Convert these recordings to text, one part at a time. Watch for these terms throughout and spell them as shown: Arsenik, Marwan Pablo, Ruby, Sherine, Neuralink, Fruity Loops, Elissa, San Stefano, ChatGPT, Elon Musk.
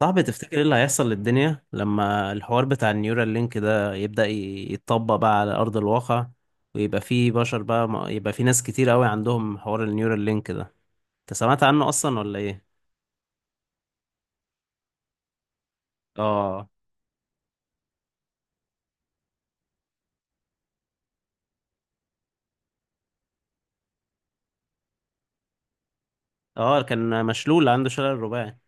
صعب تفتكر ايه اللي هيحصل للدنيا لما الحوار بتاع النيورال لينك ده يبدأ يتطبق بقى على أرض الواقع، ويبقى فيه بشر بقى يبقى فيه ناس كتير قوي عندهم حوار النيورال لينك ده. انت سمعت عنه اصلا ولا ايه؟ اه، اه، كان مشلول، عنده شلل رباعي.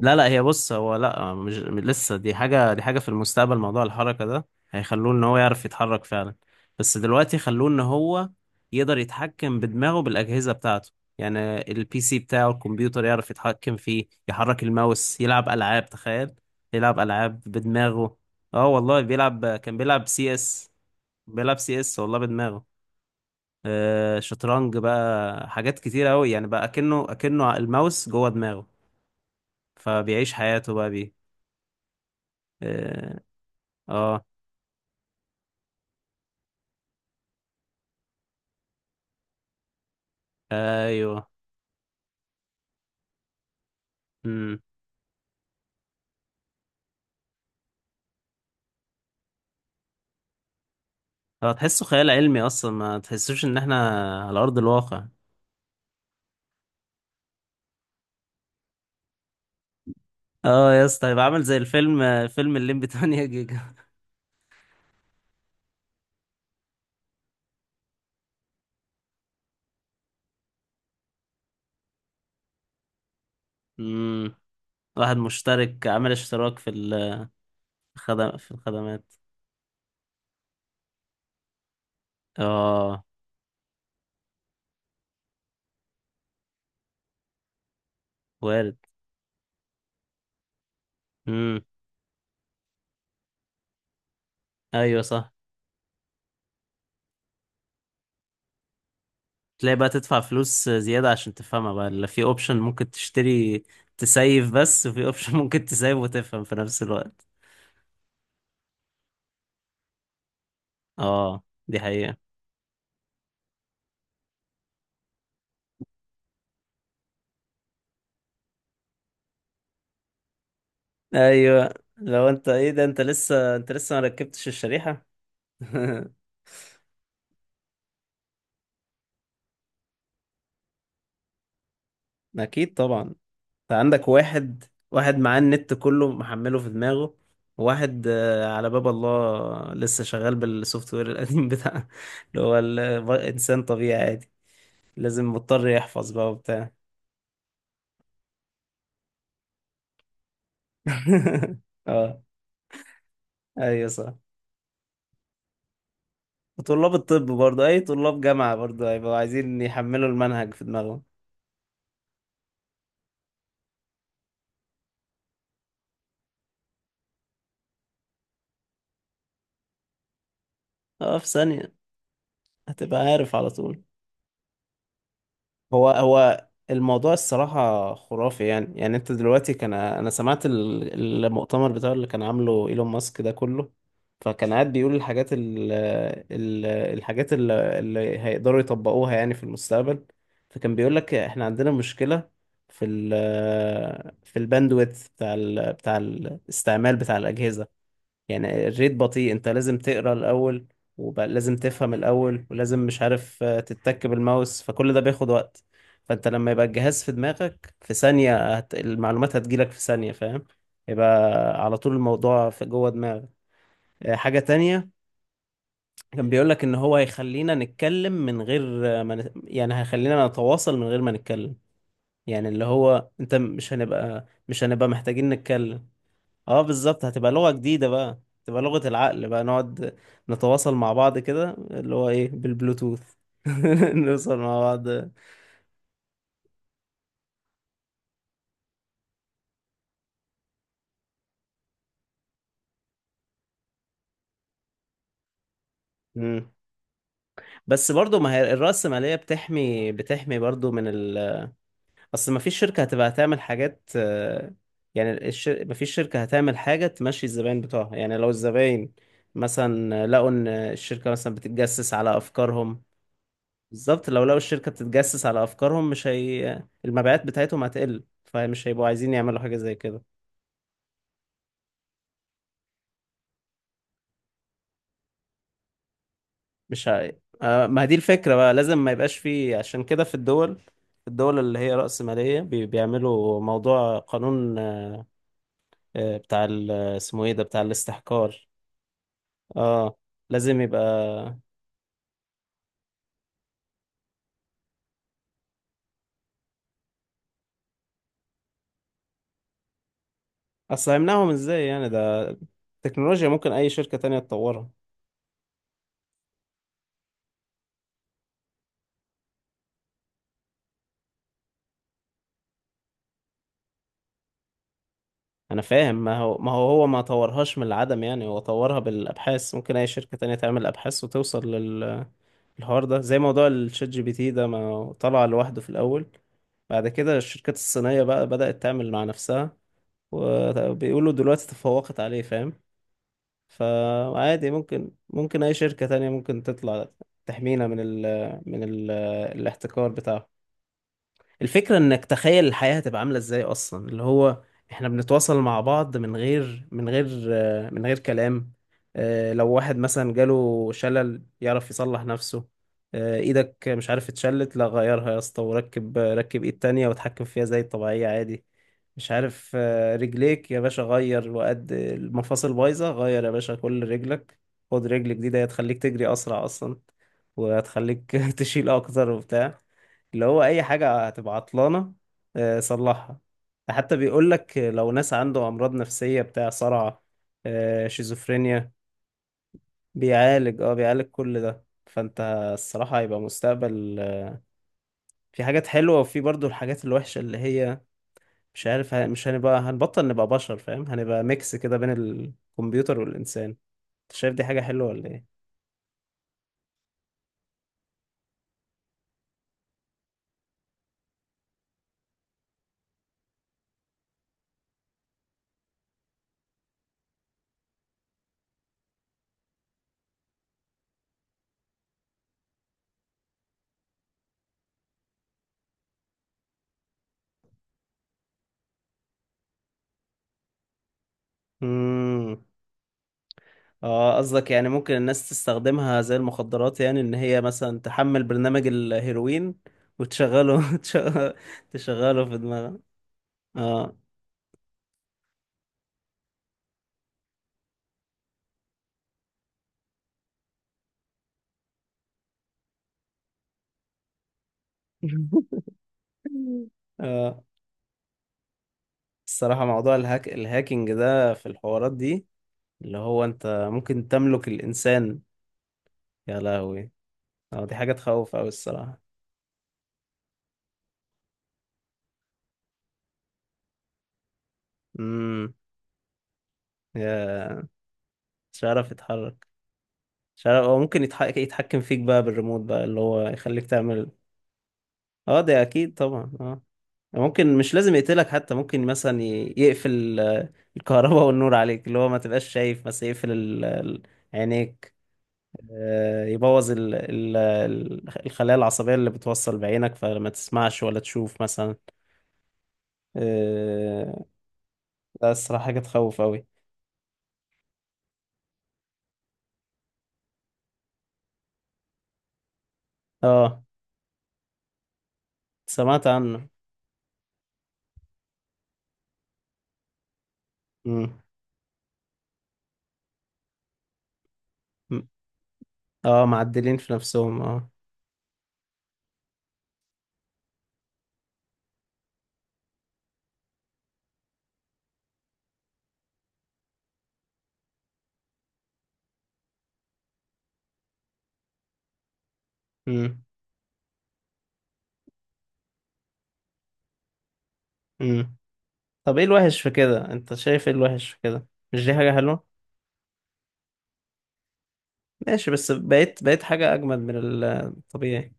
لا، لا، هي بص، هو لا، مش لسه دي حاجة في المستقبل. موضوع الحركة ده هيخلوه ان هو يعرف يتحرك فعلا. بس دلوقتي خلوه ان هو يقدر يتحكم بدماغه بالأجهزة بتاعته. يعني البي سي بتاعه، الكمبيوتر، يعرف يتحكم فيه، يحرك الماوس، يلعب ألعاب. تخيل، يلعب ألعاب بدماغه. اه والله كان بيلعب سي اس. بيلعب سي اس والله بدماغه. شطرنج بقى، حاجات كتير قوي يعني، بقى اكنه الماوس جوه دماغه. فبيعيش حياته بقى بيه. اه، آه، ايوه، امم. هو تحسه خيال علمي اصلا، ما تحسوش ان احنا على ارض الواقع. اه يا اسطى، هيبقى عامل زي الفيلم آه، فيلم الليمبي 8 جيجا. امم. واحد مشترك، عامل اشتراك في الخدمات. اه، وارد. امم. ايوه صح. تلاقي بقى تدفع فلوس زيادة عشان تفهمها بقى. اللي في اوبشن ممكن تشتري تسيف بس، وفي اوبشن ممكن تسيف وتفهم في نفس الوقت. اه دي حقيقة. ايوه، لو انت ايه ده، انت لسه ما ركبتش الشريحة. اكيد طبعا. انت عندك واحد معاه النت كله محمله في دماغه، وواحد على باب الله لسه شغال بالسوفت وير القديم بتاعه، اللي هو انسان طبيعي عادي، لازم مضطر يحفظ بقى وبتاع. اه، ايوه صح. وطلاب الطب برضه، اي طلاب جامعة برضه، هيبقوا عايزين يحملوا المنهج في دماغهم. اه، في ثانية هتبقى عارف على طول. هو الموضوع الصراحة خرافي. يعني انت دلوقتي، كان انا سمعت المؤتمر بتاعه اللي كان عامله ايلون ماسك ده كله، فكان قاعد بيقول الحاجات ال ال الحاجات ال- اللي هيقدروا يطبقوها يعني في المستقبل. فكان بيقول لك احنا عندنا مشكلة في ال في الباندويت بتاع الاستعمال بتاع الأجهزة. يعني الريت بطيء، انت لازم تقرا الاول ولازم تفهم الاول ولازم مش عارف، تتك بالماوس، فكل ده بياخد وقت. فانت لما يبقى الجهاز في دماغك، في ثانية المعلومات هتجيلك في ثانية، فاهم؟ يبقى على طول الموضوع في جوه دماغك. حاجة تانية، كان بيقولك ان هو هيخلينا نتكلم من غير آه، ما نت... يعني هيخلينا نتواصل من غير ما نتكلم. يعني اللي هو انت، مش هنبقى محتاجين نتكلم. اه بالظبط، هتبقى لغة جديدة بقى، تبقى لغة العقل بقى، نقعد نتواصل مع بعض كده، اللي هو ايه، بالبلوتوث. نوصل مع بعض. مم. بس برضو ما هي الرأسمالية بتحمي برضو من ال أصل. ما فيش شركة هتعمل حاجات، يعني ما فيش شركة هتعمل حاجة تمشي الزباين بتوعها. يعني لو الزباين مثلا لقوا إن الشركة مثلا بتتجسس على أفكارهم. بالظبط، لو لقوا الشركة بتتجسس على أفكارهم، مش هي المبيعات بتاعتهم هتقل؟ فمش هيبقوا عايزين يعملوا حاجة زي كده. مش ه... آه، ما هي دي الفكرة بقى، لازم ما يبقاش فيه. عشان كده في الدول، الدول اللي هي رأسمالية، بيعملوا موضوع قانون، اسمه ايه ده، بتاع الاستحكار. اه، لازم يبقى. أصل هيمنعهم ازاي يعني؟ ده تكنولوجيا ممكن أي شركة تانية تطورها. انا فاهم، ما هو ما طورهاش من العدم يعني، هو طورها بالابحاث. ممكن اي شركة تانية تعمل ابحاث وتوصل للحوار ده. زي موضوع الشات جي بي تي ده، ما هو طلع لوحده في الاول، بعد كده الشركات الصينية بقى بدأت تعمل مع نفسها، وبيقولوا دلوقتي تفوقت عليه، فاهم؟ فعادي، ممكن اي شركة تانية ممكن تطلع تحمينا من ال من ال الاحتكار بتاعه. الفكرة انك تخيل الحياة هتبقى عاملة ازاي اصلا، اللي هو احنا بنتواصل مع بعض من غير كلام. لو واحد مثلا جاله شلل يعرف يصلح نفسه. ايدك مش عارف اتشلت، لا غيرها يا اسطى، وركب ركب ايد تانية واتحكم فيها زي الطبيعية عادي. مش عارف، رجليك يا باشا غير، وقد المفاصل بايظة غير يا باشا كل رجلك، خد رجل جديدة هتخليك تجري اسرع اصلا، وهتخليك تشيل اكتر وبتاع. اللي هو اي حاجة هتبقى عطلانة، صلحها. حتى بيقول لك لو ناس عنده امراض نفسية، بتاع صرع، شيزوفرينيا، بيعالج كل ده. فانت الصراحة هيبقى مستقبل، في حاجات حلوة، وفي برضو الحاجات الوحشة، اللي هي مش عارف، مش هنبقى، هنبطل نبقى بشر، فاهم؟ هنبقى ميكس كده بين الكمبيوتر والإنسان. انت شايف دي حاجة حلوة ولا ايه؟ مم. اه، قصدك يعني ممكن الناس تستخدمها زي المخدرات، يعني ان هي مثلا تحمل برنامج الهيروين وتشغله تشغله في دماغها. اه، اه، الصراحة موضوع الهاكينج ده في الحوارات دي، اللي هو انت ممكن تملك الانسان. يا لهوي، اه دي حاجة تخوف اوي الصراحة. امم. يا مش عارف يتحرك، مش عارف، هو ممكن يتحكم فيك بقى بالريموت بقى، اللي هو يخليك تعمل. اه ده اكيد طبعا، اه. ممكن مش لازم يقتلك حتى، ممكن مثلا يقفل، الكهرباء والنور عليك، اللي هو ما تبقاش شايف، بس يقفل عينيك، يبوظ الخلايا العصبية اللي بتوصل بعينك، فما تسمعش ولا تشوف مثلا. آه، ده الصراحة حاجة تخوف أوي. اه، سمعت عنه. مم. مم. اه، معدلين في نفسهم، اه. مم. مم. طب ايه الوحش في كده؟ انت شايف ايه الوحش في كده؟ مش دي حاجة حلوة؟ ماشي، بس بقيت حاجة أجمد من الطبيعي.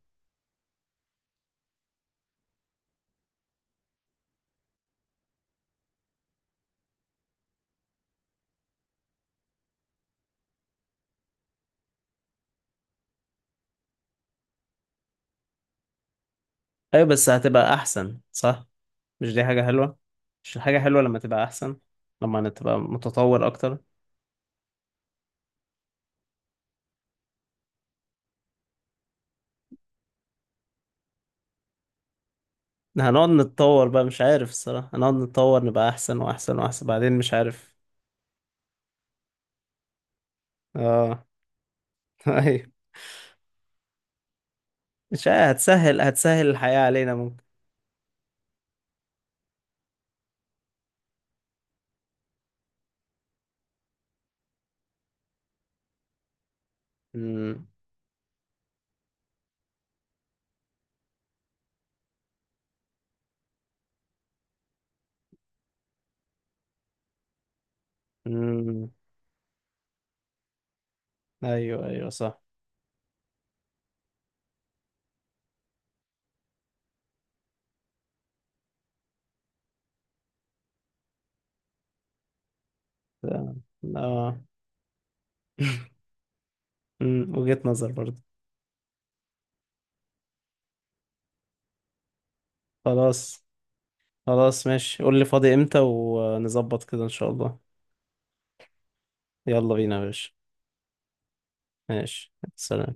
ايوه بس هتبقى احسن صح؟ مش دي حاجة حلوة؟ مش حاجة حلوة لما تبقى احسن، لما تبقى متطور اكتر؟ هنقعد نتطور بقى، مش عارف الصراحة، هنقعد نتطور نبقى احسن واحسن واحسن، بعدين مش عارف. اه. ايوه. مش عارف، هتسهل الحياة علينا ممكن. امم، امم، ايوه، ايوه صح. اه. وجهة نظر برضه. خلاص، خلاص ماشي، قول لي فاضي امتى ونظبط كده ان شاء الله. يلا بينا يا باشا. ماشي سلام.